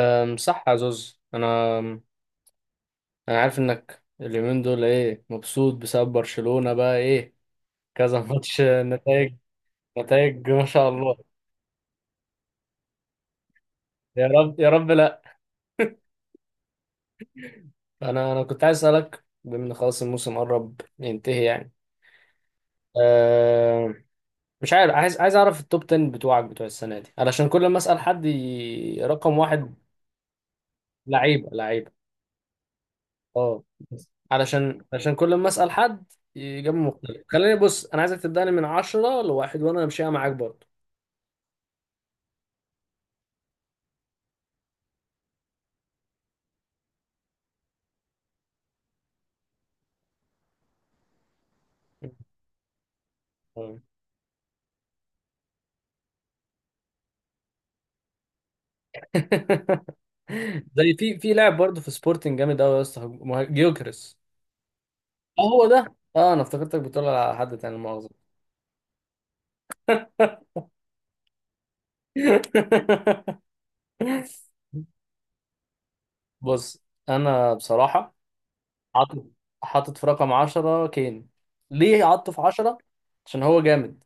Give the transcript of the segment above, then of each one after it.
صح يا زوز، انا عارف انك اليومين دول ايه، مبسوط بسبب برشلونة بقى ايه كذا. ماتش نتائج ما شاء الله. يا رب يا رب، لا. انا كنت عايز اسالك، بما ان خلاص الموسم قرب ينتهي يعني. أه مش عارف، عايز اعرف التوب 10 بتوعك بتوع السنة دي، علشان كل ما اسال حد رقم واحد. لعيبة لعيبة. اه بس. علشان كل ما اسال حد إجابة مختلفة. خليني بص، أنا عايزك تبدأني من عشرة لواحد وأنا همشيها معاك برضه. أيوة. زي في لاعب برضه في سبورتنج جامد قوي يا اسطى جيوكرس. اه هو ده. اه انا افتكرتك بتقول على حد تاني، مؤاخذة. بص انا بصراحة عاطف حاطط في رقم 10 كين. ليه عاطف في 10؟ عشان هو جامد،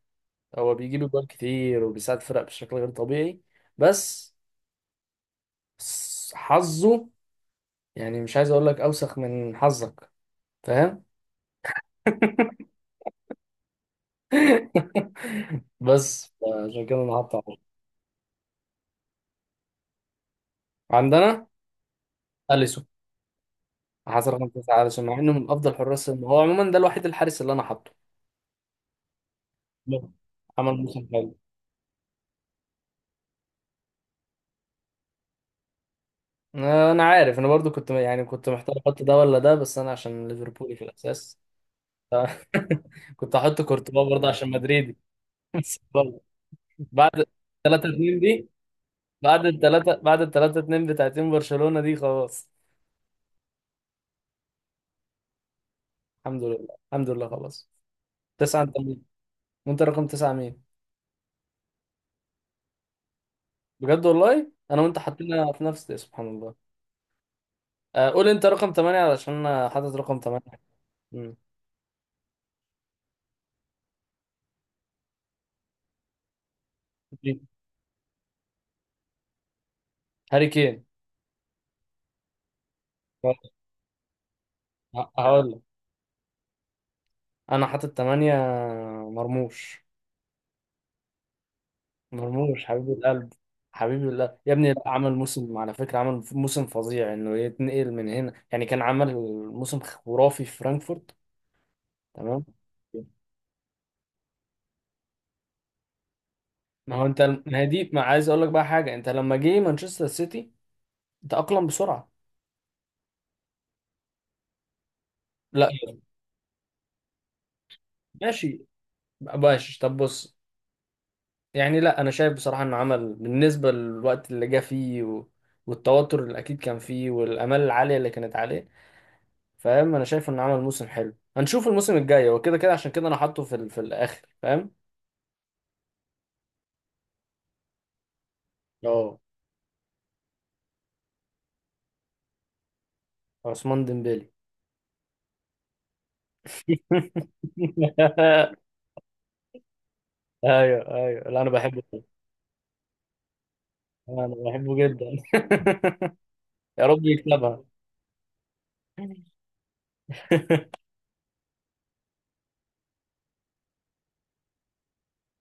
هو بيجيب جوال كتير وبيساعد فرق بشكل غير طبيعي. بس حظه، يعني مش عايز اقول لك اوسخ من حظك، فاهم؟ بس. عشان كده انا هحط عشرة. عندنا اليسون، حصل 5 اليسون مع انه من افضل حراس هو عموما ده الوحيد الحارس اللي انا حاطه. لا. عمل موسم حلو. انا عارف، انا برضو كنت محتار احط ده ولا ده، بس انا عشان ليفربولي في الاساس. كنت هحط كورتوا برضه عشان مدريدي. بس برضه بعد 3 2 دي، بعد الثلاثة 2 بتاعتين برشلونة دي خلاص. الحمد لله. الحمد لله خلاص. تسعة انت مين؟ وانت رقم تسعة مين؟ بجد والله انا وانت حطينا في نفس، سبحان الله. آه، قول انت رقم 8 علشان انا حاطط رقم 8. مم. هاري كين. هقول لك انا حاطط 8. مرموش. مرموش حبيب القلب. حبيب الله يا ابني. لا، عمل موسم على فكرة. عمل موسم فظيع، انه يتنقل من هنا يعني كان عمل موسم خرافي في فرانكفورت. تمام. ما هو انت، ما هي دي ما عايز اقول لك بقى حاجه، انت لما جه مانشستر سيتي تأقلم بسرعه. لا ماشي، ماشي طب بص. يعني لا انا شايف بصراحه انه عمل بالنسبه للوقت اللي جه فيه، و... والتوتر اللي اكيد كان فيه، والامال العاليه اللي كانت عليه، فاهم؟ انا شايف انه عمل موسم حلو. هنشوف الموسم الجاي، هو كده كده عشان كده انا حاطه في ال... في الاخر، فاهم؟ اه، عثمان ديمبélé. ايوه ايوه، لا انا بحبه. انا بحبه جدا. يا رب يكسبها.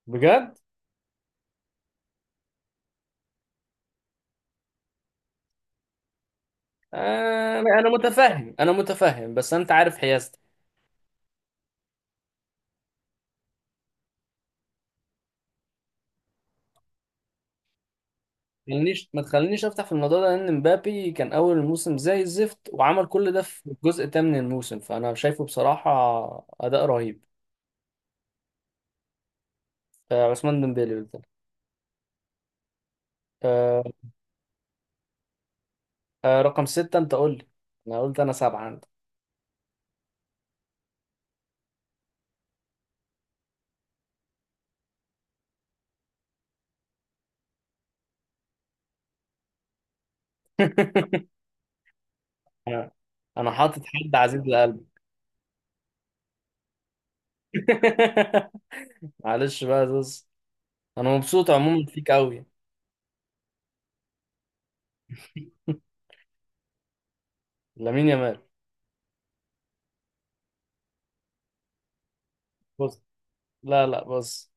بجد. انا متفهم، انا متفهم، بس انت عارف حيازتي. ما تخلينيش افتح في الموضوع ده، لان مبابي كان اول الموسم زي الزفت وعمل كل ده في الجزء الثامن من الموسم، فانا شايفه بصراحه اداء رهيب. آه، عثمان ديمبélé قلت لك. آه، رقم ستة انت قول لي، انا قلت انا سبعة عندك. انا حاطط حد عزيز لقلبي. معلش بقى، بص، انا مبسوط عموما فيك قوي. لامين يامال. بص، لا لا، بص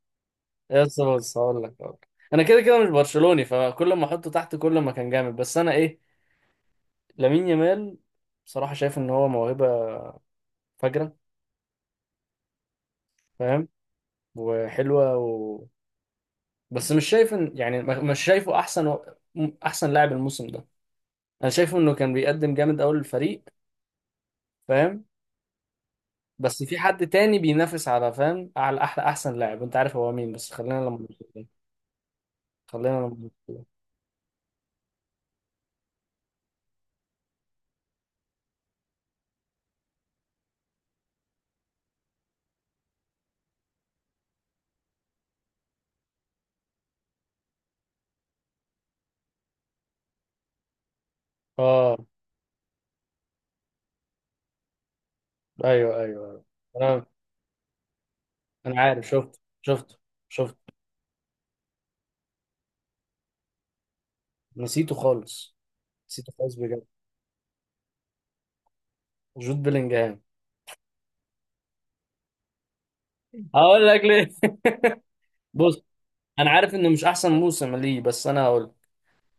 يس، بص هقول لك. انا كده كده مش برشلوني، فكل ما احطه تحت كل ما كان جامد. بس انا ايه، لامين يامال بصراحة شايف إن هو موهبة فجرة، فاهم؟ وحلوة، و... بس مش شايف إن يعني مش شايفه أحسن، و... أحسن لاعب الموسم ده. أنا شايفه إنه كان بيقدم جامد أوي للفريق، فاهم؟ بس في حد تاني بينافس على، فاهم، على أحلى أحسن لاعب، أنت عارف هو مين، بس خلينا لما نوصل له. خلينا لما. آه، أيوه أيوه أيوه. أنا أنا عارف، شفت شفت. نسيته خالص. نسيته خالص بجد. جود بلينجهام. هقول لك ليه. بص انا عارف انه مش احسن موسم ليه، بس انا هقول،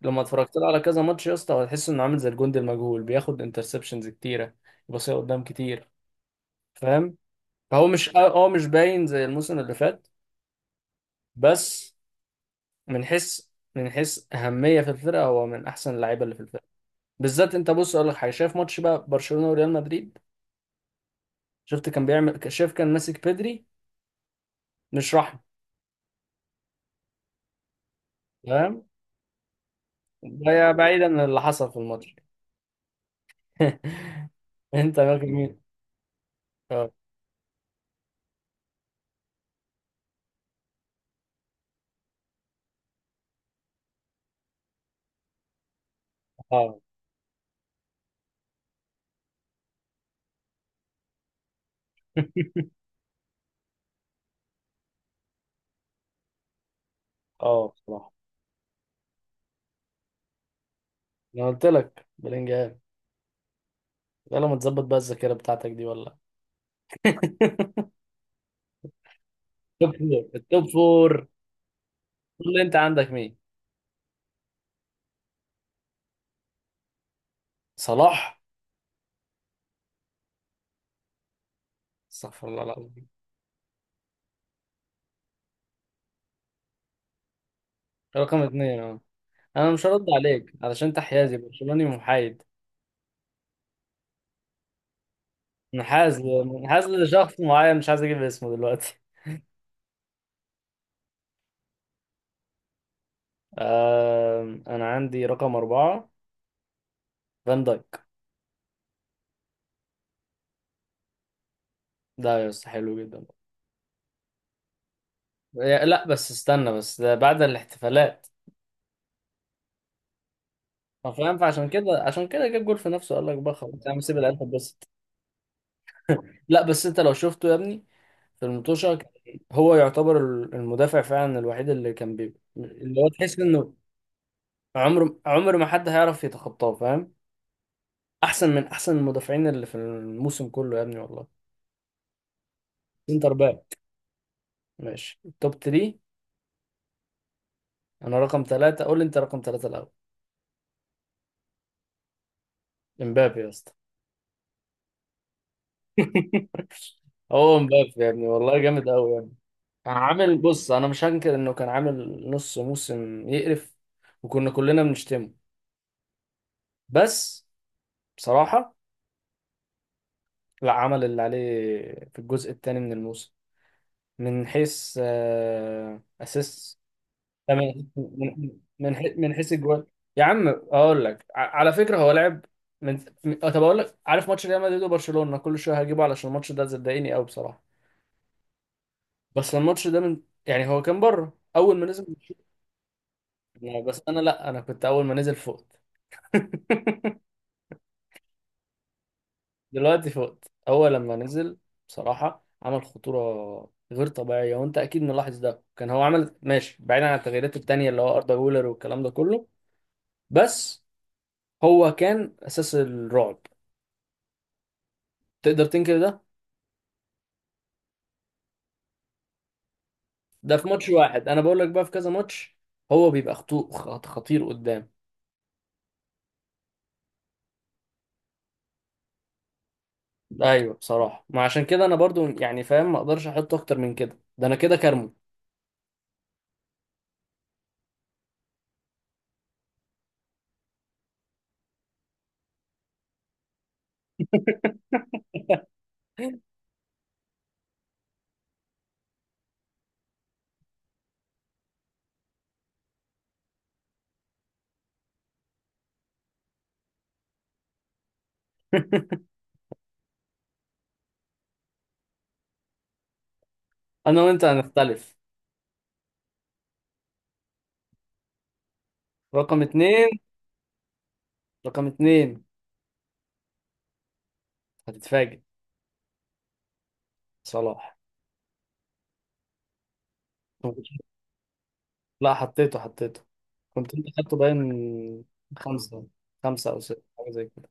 لما اتفرجت له على كذا ماتش يا اسطى هتحس انه عامل زي الجندي المجهول، بياخد انترسبشنز كتيره، يبصيها قدام كتير، فاهم؟ فهو مش اه آه مش باين زي الموسم اللي فات. بس من حيث، من حيث اهميه في الفرقه، هو من احسن اللعيبه اللي في الفرقه. بالذات انت بص اقول لك حاجه، شايف ماتش بقى برشلونه وريال مدريد، شفت كان بيعمل، شايف كان ماسك بيدري مش رحمه، فاهم؟ ده يا، بعيدا عن اللي حصل في الماتش. انت باكل مين؟ اه آه. اه بصراحة. انا قلت لك بلينجهام، يلا ما تظبط بقى الذاكرة بتاعتك دي ولا. التوب فور. التوب فور اللي انت عندك مين؟ صلاح؟ استغفر الله العظيم. رقم اتنين اه. انا مش هرد عليك علشان انت حيازي برشلوني محايد، منحاز لشخص معين مش عايز اجيب اسمه دلوقتي. انا عندي رقم اربعة فان دايك. ده يا اسطى حلو جدا. لا بس استنى، بس ده بعد الاحتفالات. ما فاهم، فعشان كده، عشان كده جاب جول في نفسه، قال لك بقى خلاص يا عم سيب القلب بس. لا بس انت لو شفته يا ابني في المطوشة، كان هو يعتبر المدافع فعلا الوحيد اللي كان بي اللي هو تحس انه عمر عمر ما حد هيعرف يتخطاه، فاهم؟ احسن من احسن المدافعين اللي في الموسم كله يا ابني والله. سنتر باك. ماشي توب 3. انا رقم ثلاثة، قول لي انت رقم ثلاثة الاول. امبابي يا اسطى. هو امبابي يا ابني والله جامد قوي يعني. كان عامل، بص انا مش هنكر انه كان عامل نص موسم يقرف وكنا كلنا بنشتمه. بس بصراحة لا، عمل اللي عليه في الجزء الثاني من الموسم. من حيث اسيست، من من من حيث الجوال. يا عم اقول لك، على فكره هو لعب طب اقول لك، عارف ماتش ريال مدريد وبرشلونه، كل شويه هجيبه علشان الماتش ده صدقني قوي بصراحه. بس الماتش ده، من يعني هو كان بره اول ما نزل. بس انا، لا انا كنت اول ما نزل فوق. دلوقتي فقت. هو لما نزل بصراحة عمل خطورة غير طبيعية، وانت اكيد ملاحظ ده. كان هو عمل ماشي، بعيدا عن التغييرات التانية اللي هو اردا جولر والكلام ده كله، بس هو كان اساس الرعب. تقدر تنكر ده؟ ده في ماتش واحد، انا بقول لك بقى في كذا ماتش هو بيبقى خطير قدام. ايوه بصراحة، ما عشان كده انا برضو يعني فاهم، ما اقدرش احط اكتر من كده، ده انا كده كارمه. انا وانت هنختلف. رقم اتنين، رقم اتنين هتتفاجئ. صلاح. لا حطيته، حطيته، كنت انت خدته باين. خمسة. خمسة أو ستة، حاجة زي كده.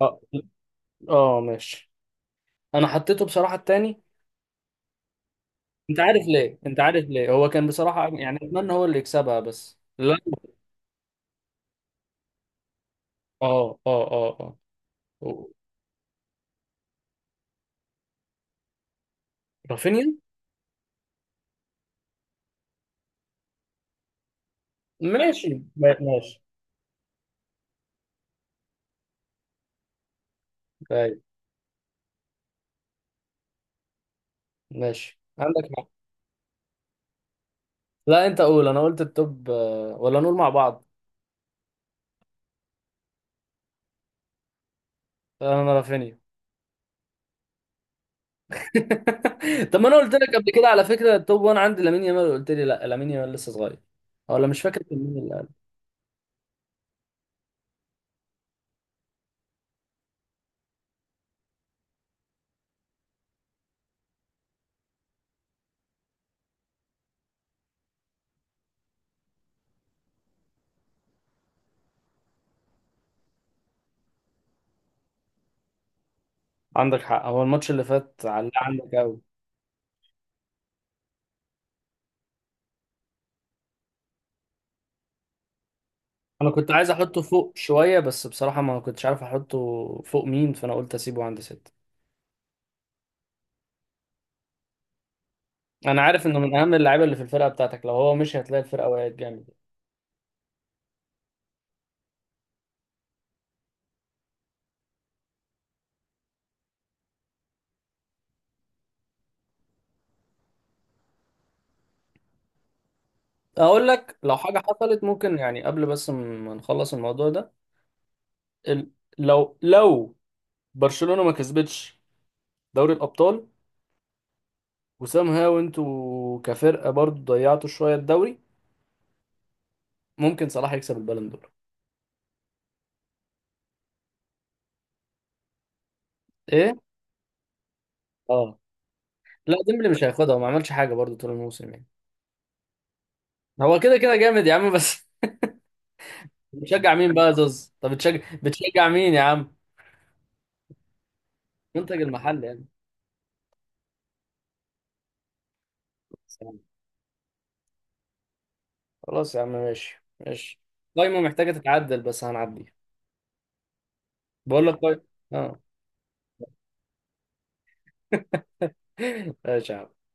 اه. اه ماشي. أنا حطيته بصراحة التاني. أنت عارف ليه؟ أنت عارف ليه، هو كان بصراحة، يعني أتمنى هو اللي يكسبها بس لا. اه، اه، اه. اه رافينيا. ماشي. ماشي. طيب. ماشي عندك حق. لا أنت قول، أنا قلت التوب ولا نقول مع بعض. أنا رافينيا. طب ما انا قلت لك قبل كده على فكره، التوب 1 عندي لامين يامال، قلت لي لا لامين يامال لسه صغير، أو ولا مش فاكر كان مين اللي قال. عندك حق، هو الماتش اللي فات علق عندك قوي. انا كنت عايز احطه فوق شويه بس بصراحه ما كنتش عارف احطه فوق مين، فانا قلت اسيبه عند ستة. انا عارف انه من اهم اللعيبه اللي في الفرقه بتاعتك، لو هو مش هتلاقي الفرقه وقعت جامد. اقول لك لو حاجه حصلت، ممكن يعني قبل بس ما نخلص الموضوع ده، ال- لو برشلونه ما كسبتش دوري الابطال، وسام هاو انتوا كفرقة برضو ضيعتوا شوية الدوري، ممكن صلاح يكسب البالون دور. ايه؟ اه. لا ديمبلي مش هياخدها، وما عملش حاجة برضو طول الموسم يعني. هو كده كده جامد يا عم بس. بتشجع مين بقى يا زوز؟ طب بتشجع، مين يا عم؟ منتج المحل يعني. خلاص يا عم ماشي، ماشي. قايمة محتاجة تتعدل بس هنعديها. بقول لك قايمة. اه. ماشي يا عم.